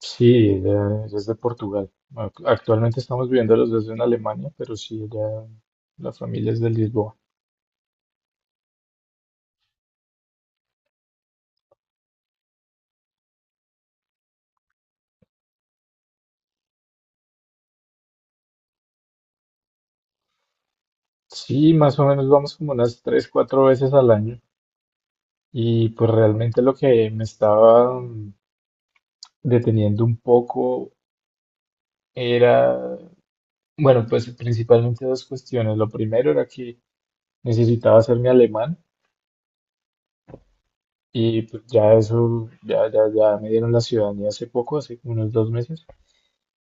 Sí, ella es de Portugal. Actualmente estamos viviendo los dos en Alemania, pero sí, ella, la familia es de Lisboa. Sí, más o menos vamos como unas 3, 4 veces al año. Y pues realmente lo que me estaba deteniendo un poco era, bueno, pues principalmente dos cuestiones. Lo primero era que necesitaba hacer mi alemán y pues ya eso, ya, ya, ya me dieron la ciudadanía hace poco, hace como unos 2 meses.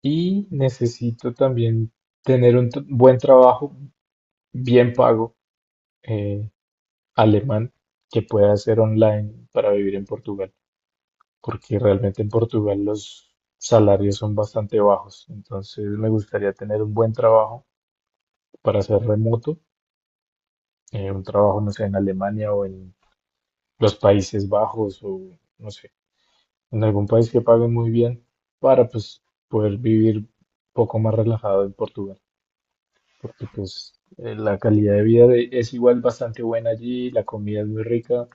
Y necesito también tener un buen trabajo, bien pago, eh, alemán, que pueda hacer online para vivir en Portugal, porque realmente en Portugal los salarios son bastante bajos. Entonces me gustaría tener un buen trabajo para ser remoto, un trabajo, no sé, en Alemania o en los Países Bajos o, no sé, en algún país que pague muy bien para pues poder vivir un poco más relajado en Portugal. Porque pues la calidad de vida es igual bastante buena allí, la comida es muy rica,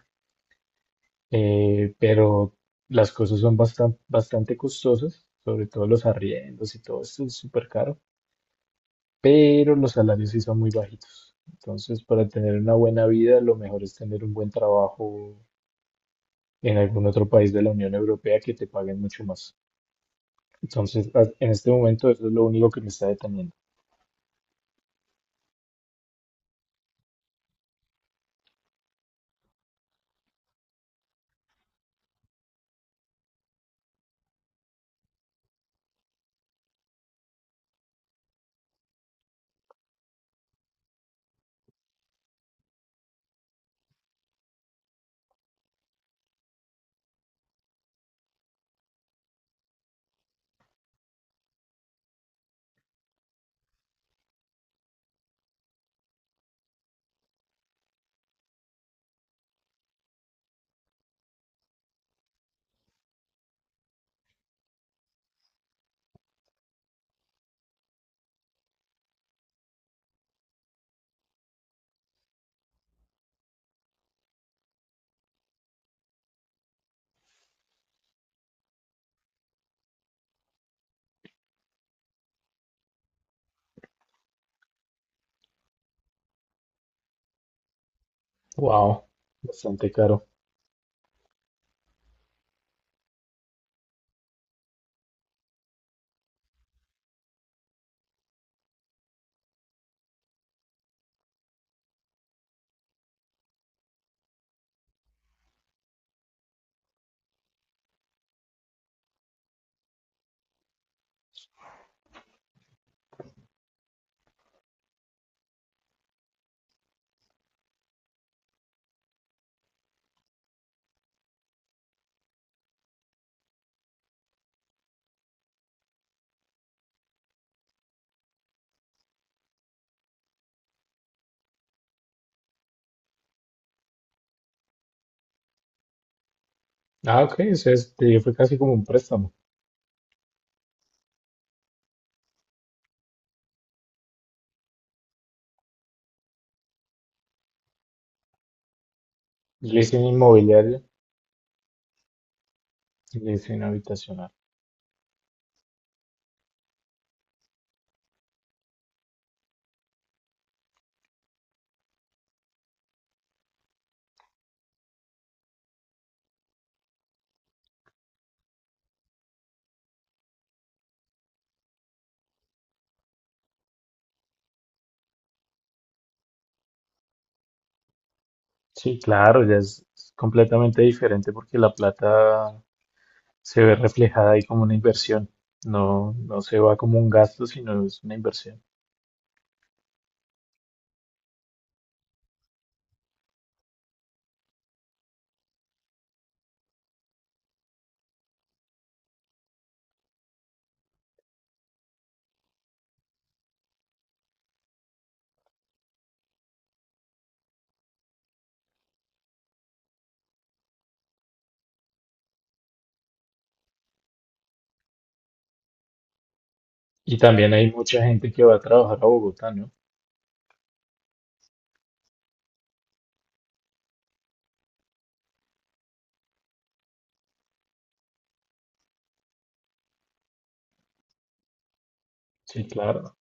pero las cosas son bastante, bastante costosas, sobre todo los arriendos y todo esto es súper caro, pero los salarios sí son muy bajitos. Entonces, para tener una buena vida, lo mejor es tener un buen trabajo en algún otro país de la Unión Europea que te paguen mucho más. Entonces, en este momento, eso es lo único que me está deteniendo. Wow, bastante caro. Ah, ok, o sea, fue casi como un préstamo. Leasing inmobiliario, leasing habitacional. Sí, claro, ya es completamente diferente porque la plata se ve reflejada ahí como una inversión. No, no se va como un gasto, sino es una inversión. Y también hay mucha gente que va a trabajar a Bogotá, ¿no? Sí, claro.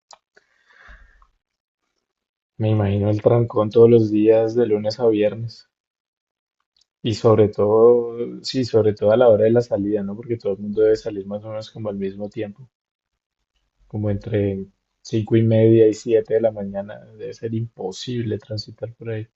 Me imagino el trancón todos los días, de lunes a viernes. Y sobre todo, sí, sobre todo a la hora de la salida, ¿no? Porque todo el mundo debe salir más o menos como al mismo tiempo. Como entre 5:30 y 7 de la mañana, debe ser imposible transitar por ahí.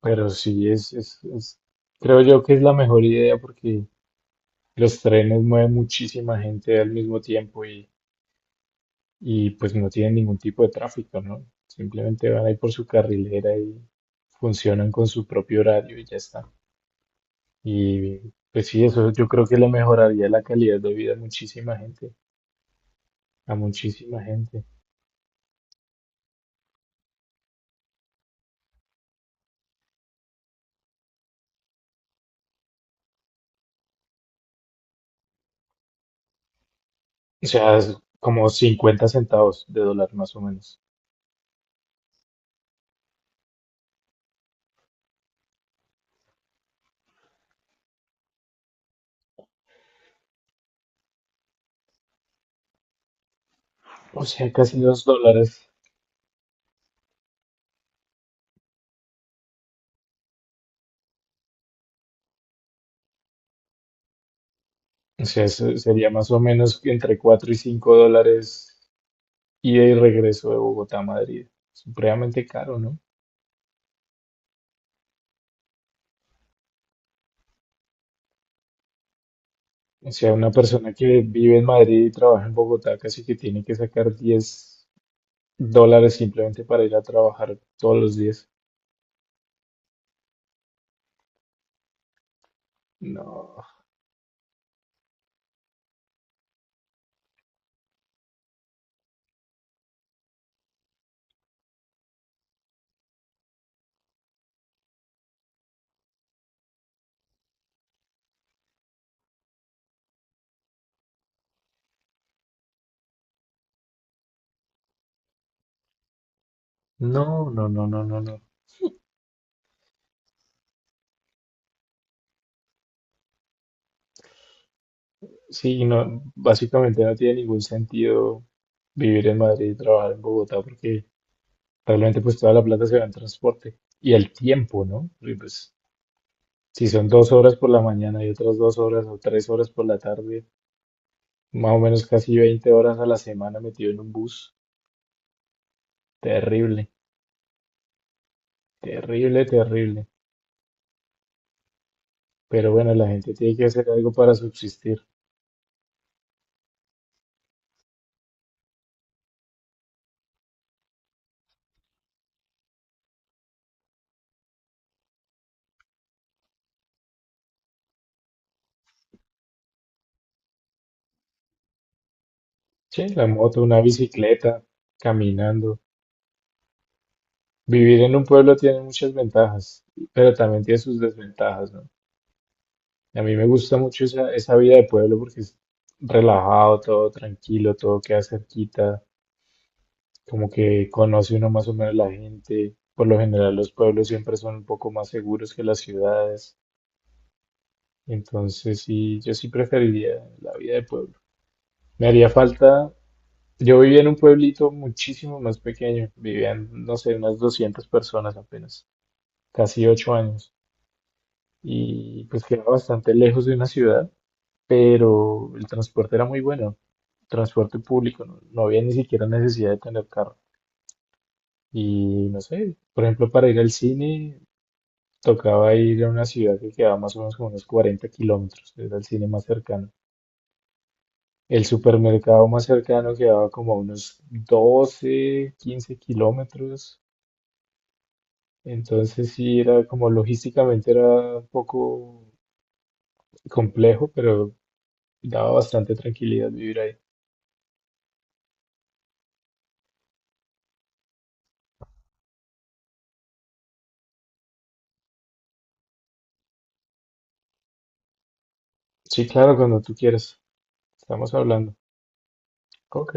Pero sí, creo yo que es la mejor idea porque los trenes mueven muchísima gente al mismo tiempo y pues no tienen ningún tipo de tráfico, ¿no? Simplemente van ahí por su carrilera y funcionan con su propio horario y ya está. Y pues sí, eso yo creo que le mejoraría la calidad de vida a muchísima gente, a muchísima gente. O sea, es como 50 centavos de dólar más o menos. O sea, casi 2 dólares. O sea, sería más o menos entre 4 y 5 dólares ida y regreso de Bogotá a Madrid. Supremamente caro, ¿no? O sea, una persona que vive en Madrid y trabaja en Bogotá casi que tiene que sacar 10 dólares simplemente para ir a trabajar todos los días. No, no, no, no, no, no, no. Sí, no, básicamente no tiene ningún sentido vivir en Madrid y trabajar en Bogotá porque realmente pues toda la plata se va en transporte y el tiempo, ¿no? Porque, pues si son 2 horas por la mañana y otras 2 horas o 3 horas por la tarde, más o menos casi 20 horas a la semana metido en un bus, terrible, terrible, terrible. Pero bueno, la gente tiene que hacer algo para subsistir. Sí, la moto, una bicicleta, caminando. Vivir en un pueblo tiene muchas ventajas, pero también tiene sus desventajas, ¿no? A mí me gusta mucho esa vida de pueblo porque es relajado, todo tranquilo, todo queda cerquita, como que conoce uno más o menos la gente. Por lo general los pueblos siempre son un poco más seguros que las ciudades. Entonces sí, yo sí preferiría la vida de pueblo. Me haría falta, yo vivía en un pueblito muchísimo más pequeño, vivían, no sé, unas 200 personas apenas, casi 8 años. Y pues quedaba bastante lejos de una ciudad, pero el transporte era muy bueno. Transporte público, no, no había ni siquiera necesidad de tener carro. Y no sé, por ejemplo, para ir al cine tocaba ir a una ciudad que quedaba más o menos como unos 40 kilómetros, era el cine más cercano. El supermercado más cercano quedaba como a unos 12 15 kilómetros. Entonces sí, era como logísticamente era un poco complejo, pero daba bastante tranquilidad vivir ahí. Sí, claro, cuando tú quieras. Estamos hablando. Ok.